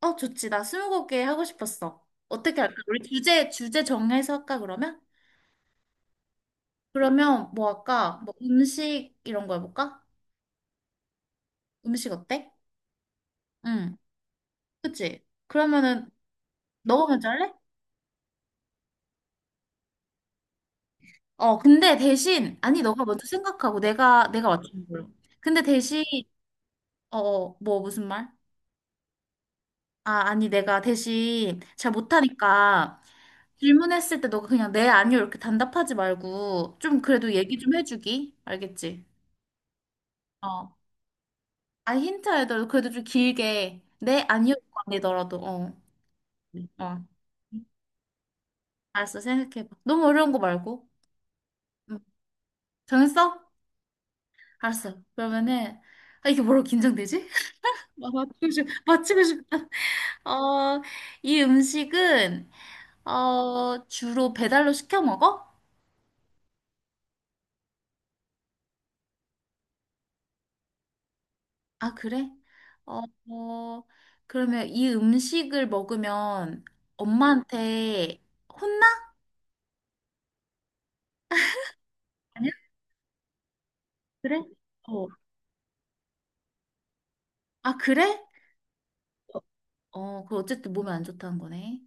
어, 좋지. 나 스무고개 하고 싶었어. 어떻게 할까? 그래. 우리 주제 정해서 할까, 그러면? 그러면 뭐 할까? 뭐 음식 이런 거 해볼까? 음식 어때? 응. 그치? 그러면은, 너가 먼저 할래? 어, 근데 대신, 아니, 너가 먼저 생각하고 내가 맞추는 걸로. 근데 대신, 뭐, 무슨 말? 아, 아니, 내가 대신 잘 못하니까 질문했을 때 너가 그냥 네, 아니요 이렇게 단답하지 말고 좀 그래도 얘기 좀 해주기. 알겠지? 어. 아, 힌트 알더라도 그래도 좀 길게. 네, 아니요, 아니더라도. 어. 어. 알았어, 생각해봐. 너무 어려운 거 말고. 응. 정했어? 알았어. 그러면은, 아, 이게 뭐라고 긴장되지? 아, 맞추고 싶다. 어, 이 음식은, 주로 배달로 시켜 먹어? 아, 그래? 어, 어, 그러면 이 음식을 먹으면 엄마한테 혼나? 아니야? 그래? 어. 아, 그래? 그 어쨌든 몸에 안 좋다는 거네.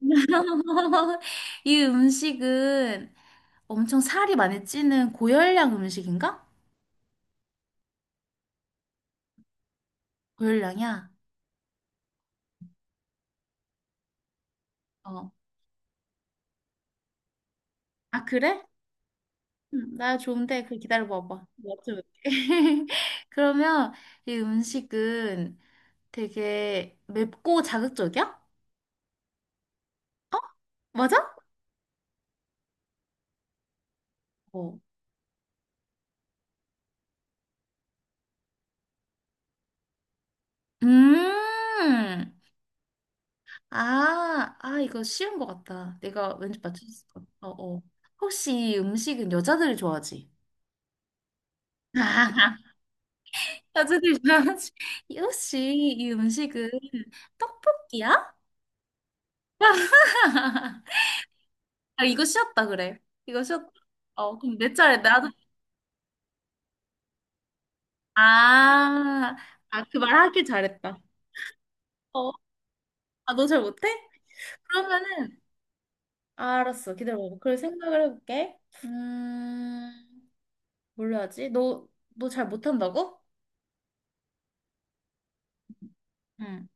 이 음식은 엄청 살이 많이 찌는 고열량 음식인가? 고열량이야? 어. 아, 그래? 나 좋은데, 그 기다려봐봐. 맞춰볼게. 그러면 이 음식은 되게 맵고 자극적이야? 맞아? 어. 음. 아, 아, 이거 쉬운 것 같다. 내가 왠지 맞췄을 것 같아. 어, 어. 혹시 이 음식은 여자들이 좋아하지? 야채드려야지 역시 이이 음식은 떡볶이야? 아 이거 쉬었다 그래 이거 쉬었다 그럼 내 차례 나도 아아 그 말 하길 잘했다 어 아 너 잘 못해? 그러면은 아, 알았어 기다려봐 그래 생각을 해볼게 음 뭘로 하지? 너 잘 못한다고? 응.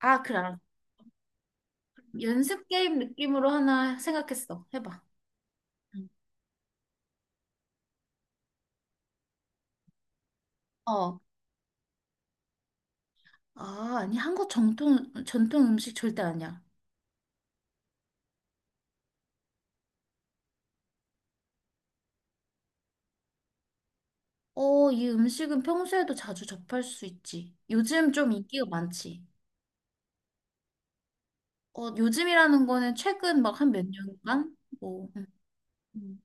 아 그래 알았어 연습 게임 느낌으로 하나 생각했어 해봐 응. 어. 아, 아니, 한국 전통 음식 절대 아니야. 어, 이 음식은 평소에도 자주 접할 수 있지. 요즘 좀 인기가 많지. 어, 요즘이라는 거는 최근 막 한 몇 년간? 뭐. 음. 음.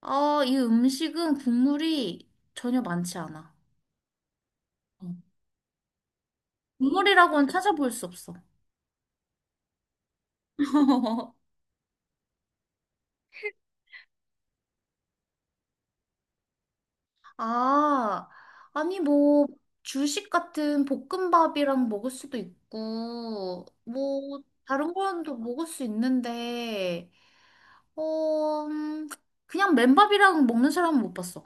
아, 이 음식은 국물이 전혀 많지 않아. 어. 국물이라고는 찾아볼 수 없어. 아, 아니 뭐 주식 같은 볶음밥이랑 먹을 수도 있고 뭐 다른 거랑도 먹을 수 있는데 어 그냥 맨밥이랑 먹는 사람은 못 봤어.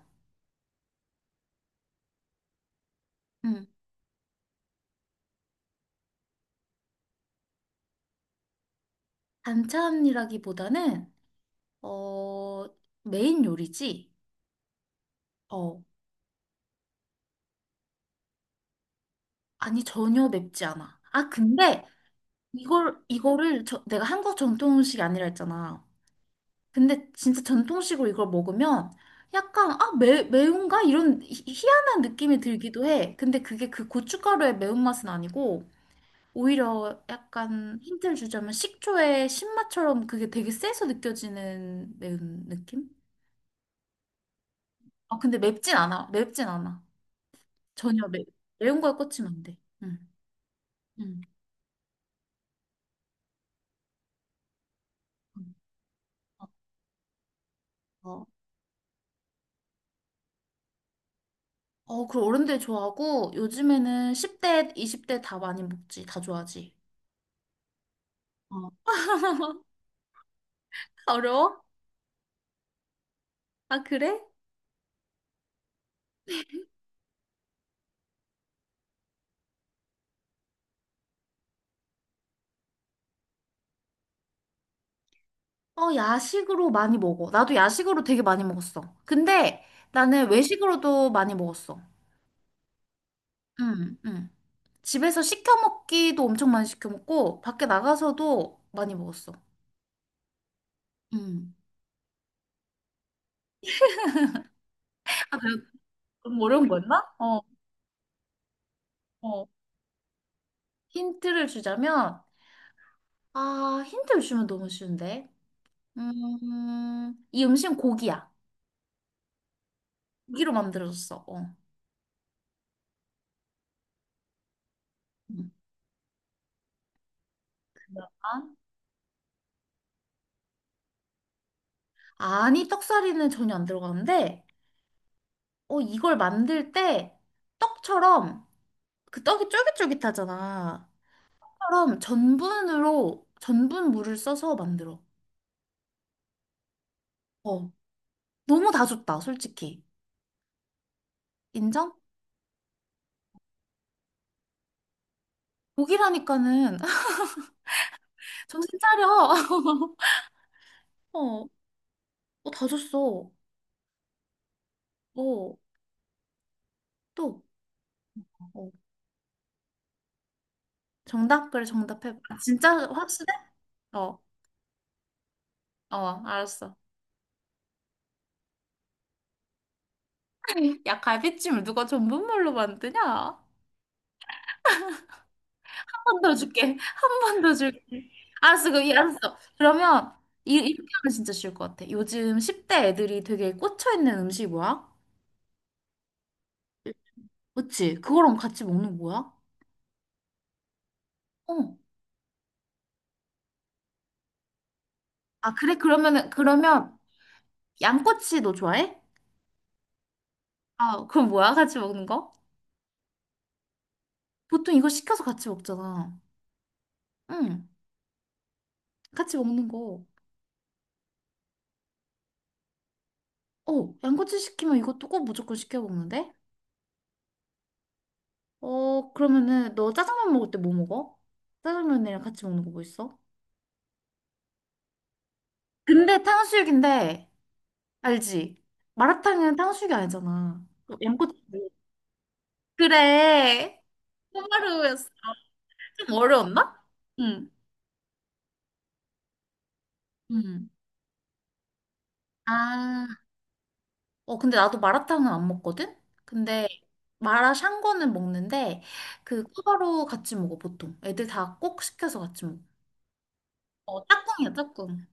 음, 반찬이라기보다는 어 메인 요리지. 어 아니 전혀 맵지 않아. 아 근데 이걸 이거를 내가 한국 전통 음식이 아니라 했잖아. 근데 진짜 전통식으로 이걸 먹으면 약간 아 매운가 이런 희한한 느낌이 들기도 해. 근데 그게 그 고춧가루의 매운맛은 아니고 오히려 약간 힌트를 주자면 식초의 신맛처럼 그게 되게 세서 느껴지는 매운 느낌? 아 근데 맵진 않아. 맵진 않아. 전혀 매운 거에 꽂히면 안 돼. 응. 응. 어, 그리고 어른들 좋아하고 요즘에는 10대, 20대 다 많이 먹지. 다 좋아하지. 어. 어려워? 아, 그래? 어, 야식으로 많이 먹어. 나도 야식으로 되게 많이 먹었어. 근데 나는 외식으로도 많이 먹었어. 응, 응. 집에서 시켜 먹기도 엄청 많이 시켜 먹고, 밖에 나가서도 많이 먹었어. 응. 아, 그래? 그럼 어려운 거였나? 어, 어. 힌트를 주자면, 아, 힌트를 주면 너무 쉬운데. 이 음식은 고기야. 고기로 만들어졌어. 어. 음. 아, 아니, 떡사리는 전혀 안 들어가는데, 어, 이걸 만들 때 떡처럼, 그 떡이 쫄깃쫄깃하잖아. 떡처럼 전분 물을 써서 만들어. 어, 너무 다 줬다, 솔직히. 인정? 고기라니까는 정신 차려. 어, 다 줬어. 어, 또. 어. 정답? 그래, 정답해봐. 아, 진짜 확실해? 어, 어, 알았어. 야, 갈비찜을 누가 전분물로 만드냐? 한 번 더 줄게. 한 번 더 줄게. 알았어, 그럼, 알았어. 그러면, 이렇게 하면 진짜 쉬울 것 같아. 요즘 10대 애들이 되게 꽂혀있는 음식이 뭐야? 그치? 그거랑 같이 먹는 거야? 어. 아, 그래? 그러면, 양꼬치 너 좋아해? 아, 그럼 뭐야? 같이 먹는 거? 보통 이거 시켜서 같이 먹잖아. 응, 같이 먹는 거. 어, 양꼬치 시키면 이것도 꼭 무조건 시켜 먹는데? 어, 그러면은 너 짜장면 먹을 때 뭐 먹어? 짜장면이랑 같이 먹는 거 뭐 있어? 근데 탕수육인데, 알지? 마라탕은 탕수육이 아니잖아. 어, 양꼬치. 그래. 호마루였어. 좀 어려웠나? 응. 응. 아, 어, 근데 나도 마라탕은 안 먹거든? 근데 마라샹궈는 먹는데, 그 꿔바로우 같이 먹어, 보통. 애들 다 꼭 시켜서 같이 먹어. 어, 짝꿍이야, 짝꿍.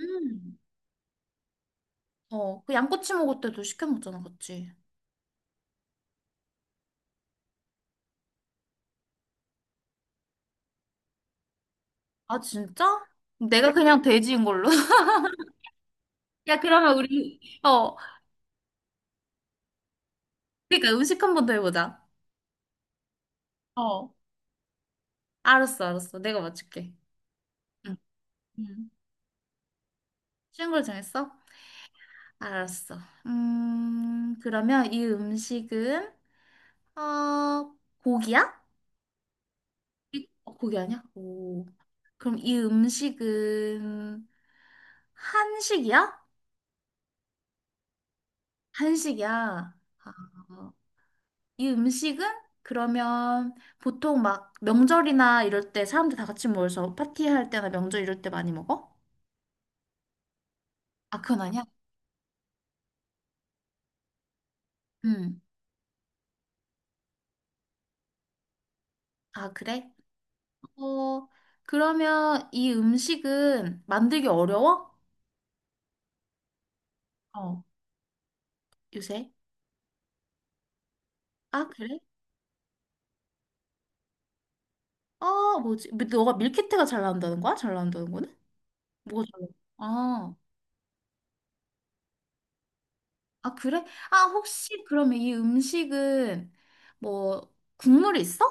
음. 어, 그 양꼬치 먹을 때도 시켜 먹잖아, 같이. 아, 진짜? 내가 그냥 돼지인 걸로? 야, 그러면 우리, 그러니까 음식 한번 더 해보자. 어, 알았어, 알았어. 내가 맞출게. 응, 응. 쉬운 걸 정했어? 알았어. 그러면 이 음식은, 어, 고기야? 고기 아니야? 오. 그럼 이 음식은 한식이야? 한식이야. 아, 이 음식은 그러면 보통 막 명절이나 이럴 때 사람들 다 같이 모여서 파티할 때나 명절 이럴 때 많이 먹어? 아, 그건 아니야? 음. 아, 그래? 어, 그러면 이 음식은 만들기 어려워? 어, 요새? 아, 그래? 어, 뭐지? 근데 너가 밀키트가 잘 나온다는 거야? 잘 나온다는 거는? 뭐가 잘 나와? 아, 아, 그래? 아, 혹시 그러면 이 음식은 뭐 국물이 있어?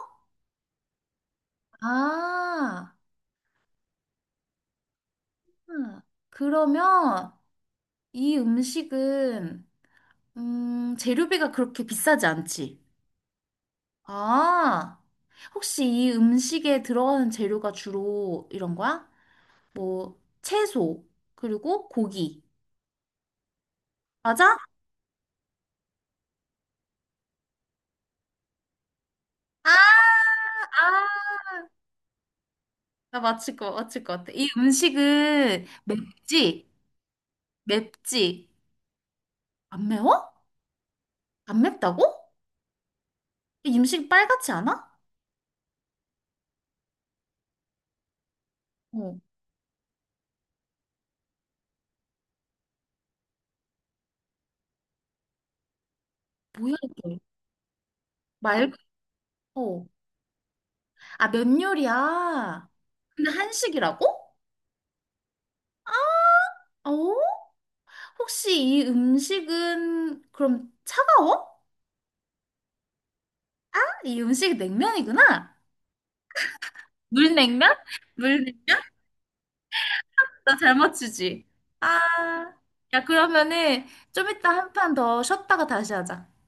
아, 음. 그러면 이 음식은, 재료비가 그렇게 비싸지 않지? 아, 혹시 이 음식에 들어가는 재료가 주로 이런 거야? 뭐, 채소, 그리고 고기. 맞아? 아, 아, 나 맞출 것 같아. 이 음식은 맵지? 맵지? 안 매워? 안 맵다고? 이 음식 빨갛지 않아? 어, 뭐야, 이게? 말, 어. 아, 면 요리야. 근데 한식이라고? 어? 혹시 이 음식은 그럼 차가워? 이 음식이 냉면이구나. 물냉면? 물냉면? 나 잘 맞추지. 아, 야, 그러면은 좀 이따 한 판 더 쉬었다가 다시 하자.